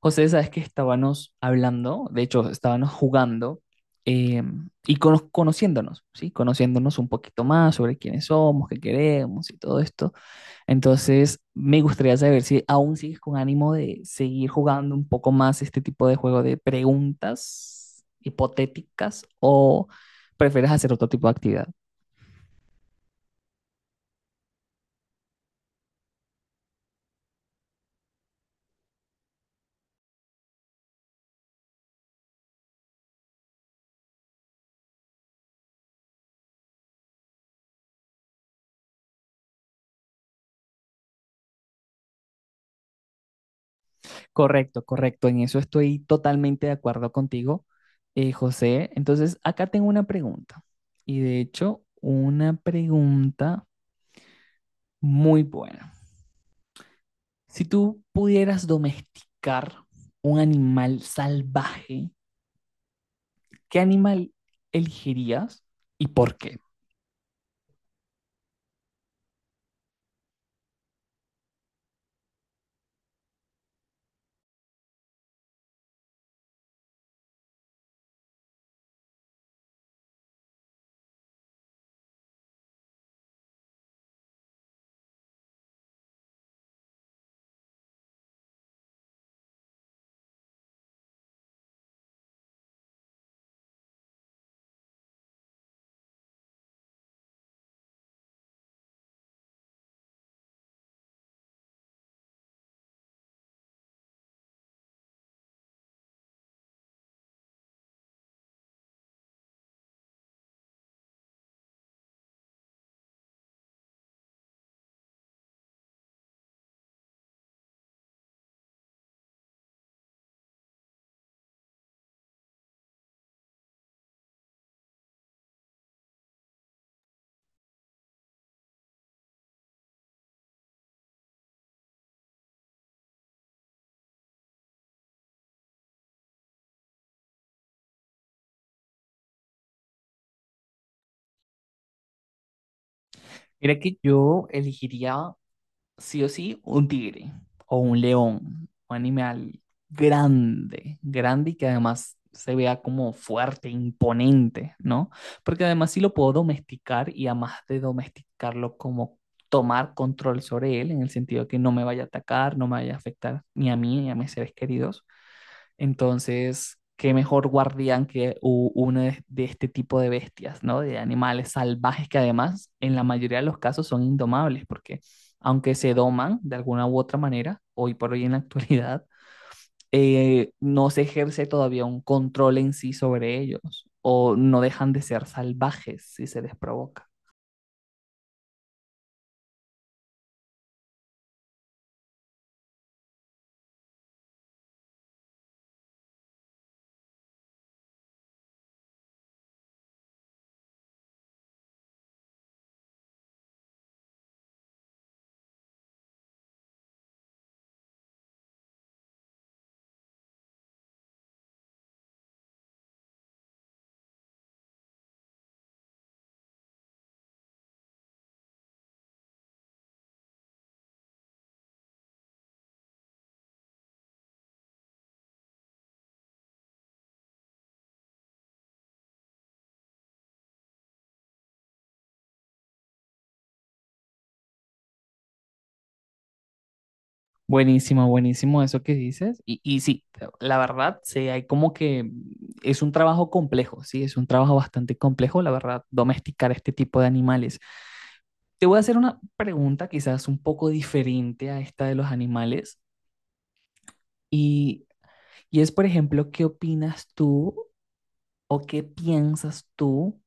José, sabes que estábamos hablando, de hecho, estábamos jugando eh, conociéndonos, ¿sí? Conociéndonos un poquito más sobre quiénes somos, qué queremos y todo esto. Entonces, me gustaría saber si aún sigues con ánimo de seguir jugando un poco más este tipo de juego de preguntas hipotéticas o prefieres hacer otro tipo de actividad. Correcto, correcto. En eso estoy totalmente de acuerdo contigo, José. Entonces, acá tengo una pregunta. Y de hecho, una pregunta muy buena. Si tú pudieras domesticar un animal salvaje, ¿qué animal elegirías y por qué? Mira que yo elegiría sí o sí, un tigre o un león, un animal grande, grande y que además se vea como fuerte, imponente, ¿no? Porque además sí lo puedo domesticar y además de domesticarlo como tomar control sobre él, en el sentido que no me vaya a atacar, no me vaya a afectar ni a mí ni a mis seres queridos, entonces, qué mejor guardián que uno de este tipo de bestias, ¿no? De animales salvajes que además en la mayoría de los casos son indomables, porque aunque se doman de alguna u otra manera, hoy por hoy en la actualidad, no se ejerce todavía un control en sí sobre ellos o no dejan de ser salvajes si se les provoca. Buenísimo, buenísimo eso que dices. Y sí, la verdad, sí, hay como que es un trabajo complejo, sí, es un trabajo bastante complejo, la verdad, domesticar este tipo de animales. Te voy a hacer una pregunta quizás un poco diferente a esta de los animales. Y, y es, por ejemplo, ¿qué opinas tú o qué piensas tú,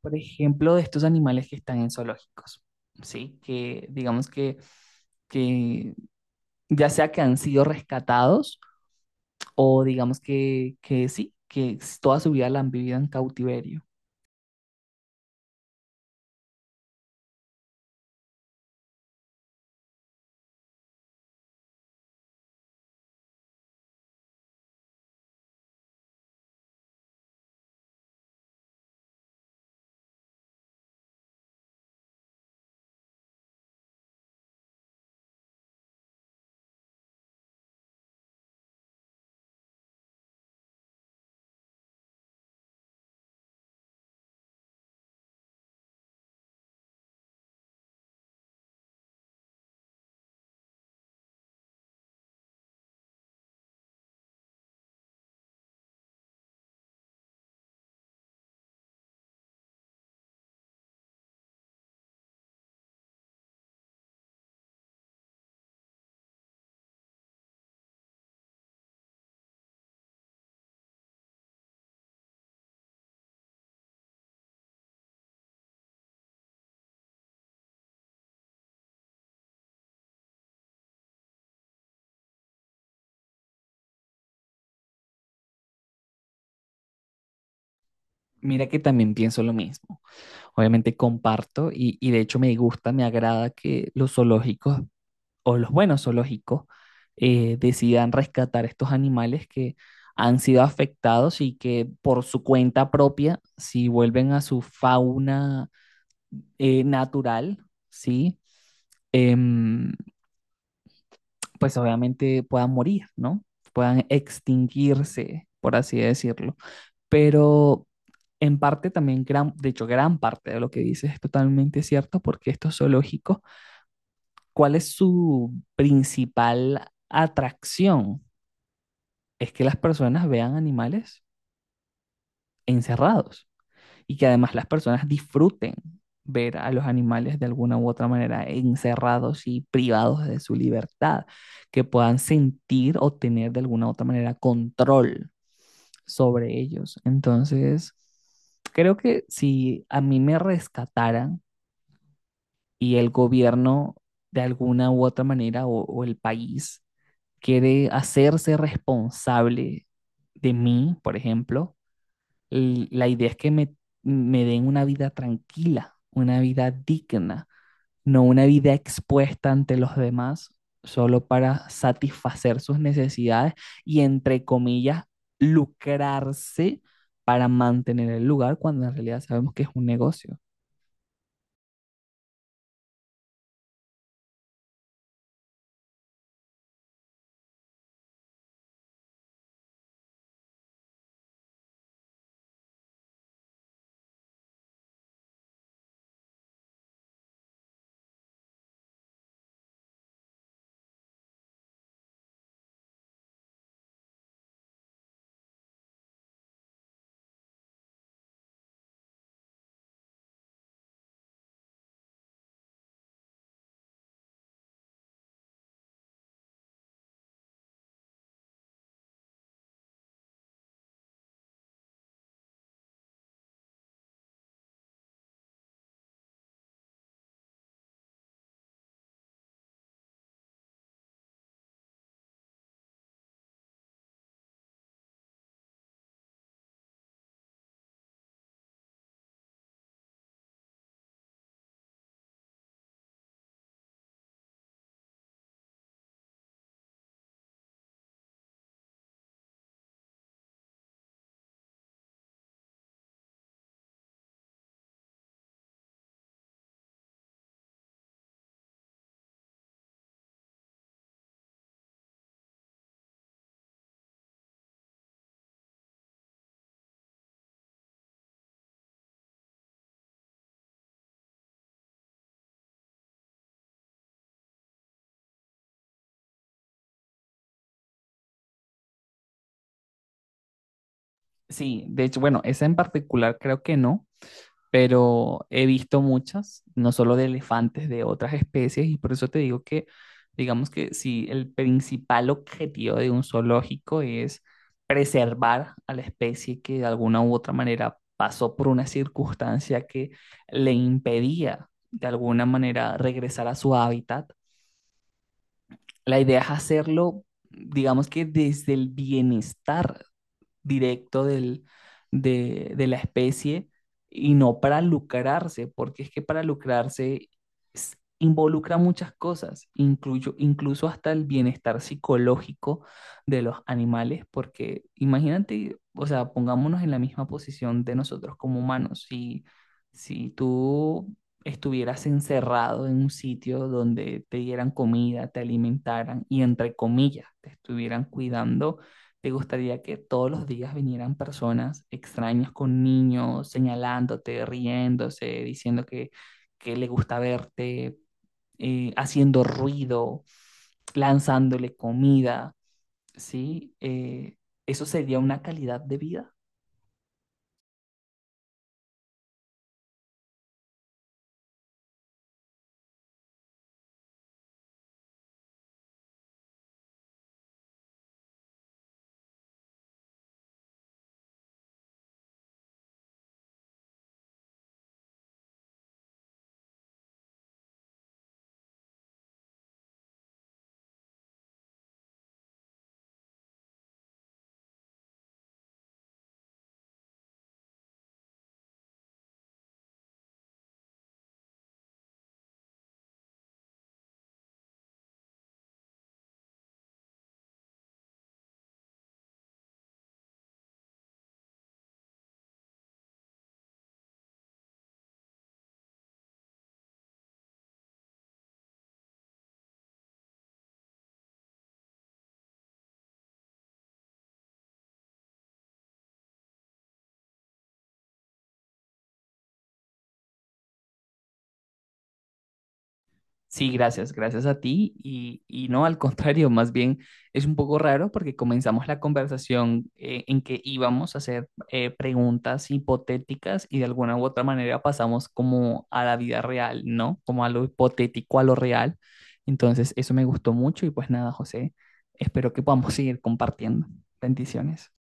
por ejemplo, de estos animales que están en zoológicos? Sí, que digamos que ya sea que han sido rescatados o digamos que sí, toda su vida la han vivido en cautiverio. Mira que también pienso lo mismo. Obviamente comparto y de hecho me gusta, me agrada que los zoológicos o los buenos zoológicos decidan rescatar estos animales que han sido afectados y que por su cuenta propia, si vuelven a su fauna natural, ¿sí? em, pues obviamente puedan morir, ¿no? Puedan extinguirse, por así decirlo. Pero en parte también, gran, de hecho, gran parte de lo que dices es totalmente cierto porque esto es zoológico. ¿Cuál es su principal atracción? Es que las personas vean animales encerrados, y que además las personas disfruten ver a los animales de alguna u otra manera encerrados y privados de su libertad, que puedan sentir o tener de alguna u otra manera control sobre ellos. Entonces, creo que si a mí me rescataran y el gobierno de alguna u otra manera o el país quiere hacerse responsable de mí, por ejemplo, la idea es que me den una vida tranquila, una vida digna, no una vida expuesta ante los demás solo para satisfacer sus necesidades y, entre comillas, lucrarse para mantener el lugar cuando en realidad sabemos que es un negocio. Sí, de hecho, bueno, esa en particular creo que no, pero he visto muchas, no solo de elefantes, de otras especies, y por eso te digo que, digamos que si el principal objetivo de un zoológico es preservar a la especie que de alguna u otra manera pasó por una circunstancia que le impedía de alguna manera regresar a su hábitat, la idea es hacerlo, digamos que desde el bienestar directo del, de la especie y no para lucrarse, porque es que para lucrarse involucra muchas cosas, incluyo, incluso hasta el bienestar psicológico de los animales, porque imagínate, o sea, pongámonos en la misma posición de nosotros como humanos, si, si tú estuvieras encerrado en un sitio donde te dieran comida, te alimentaran y entre comillas te estuvieran cuidando, ¿te gustaría que todos los días vinieran personas extrañas con niños, señalándote, riéndose, diciendo que le gusta verte, haciendo ruido, lanzándole comida? ¿Sí? ¿Eh, eso sería una calidad de vida? Sí, gracias, gracias a ti. Y no, al contrario, más bien es un poco raro porque comenzamos la conversación en que íbamos a hacer preguntas hipotéticas y de alguna u otra manera pasamos como a la vida real, ¿no? Como a lo hipotético, a lo real. Entonces, eso me gustó mucho y pues nada, José, espero que podamos seguir compartiendo. Bendiciones.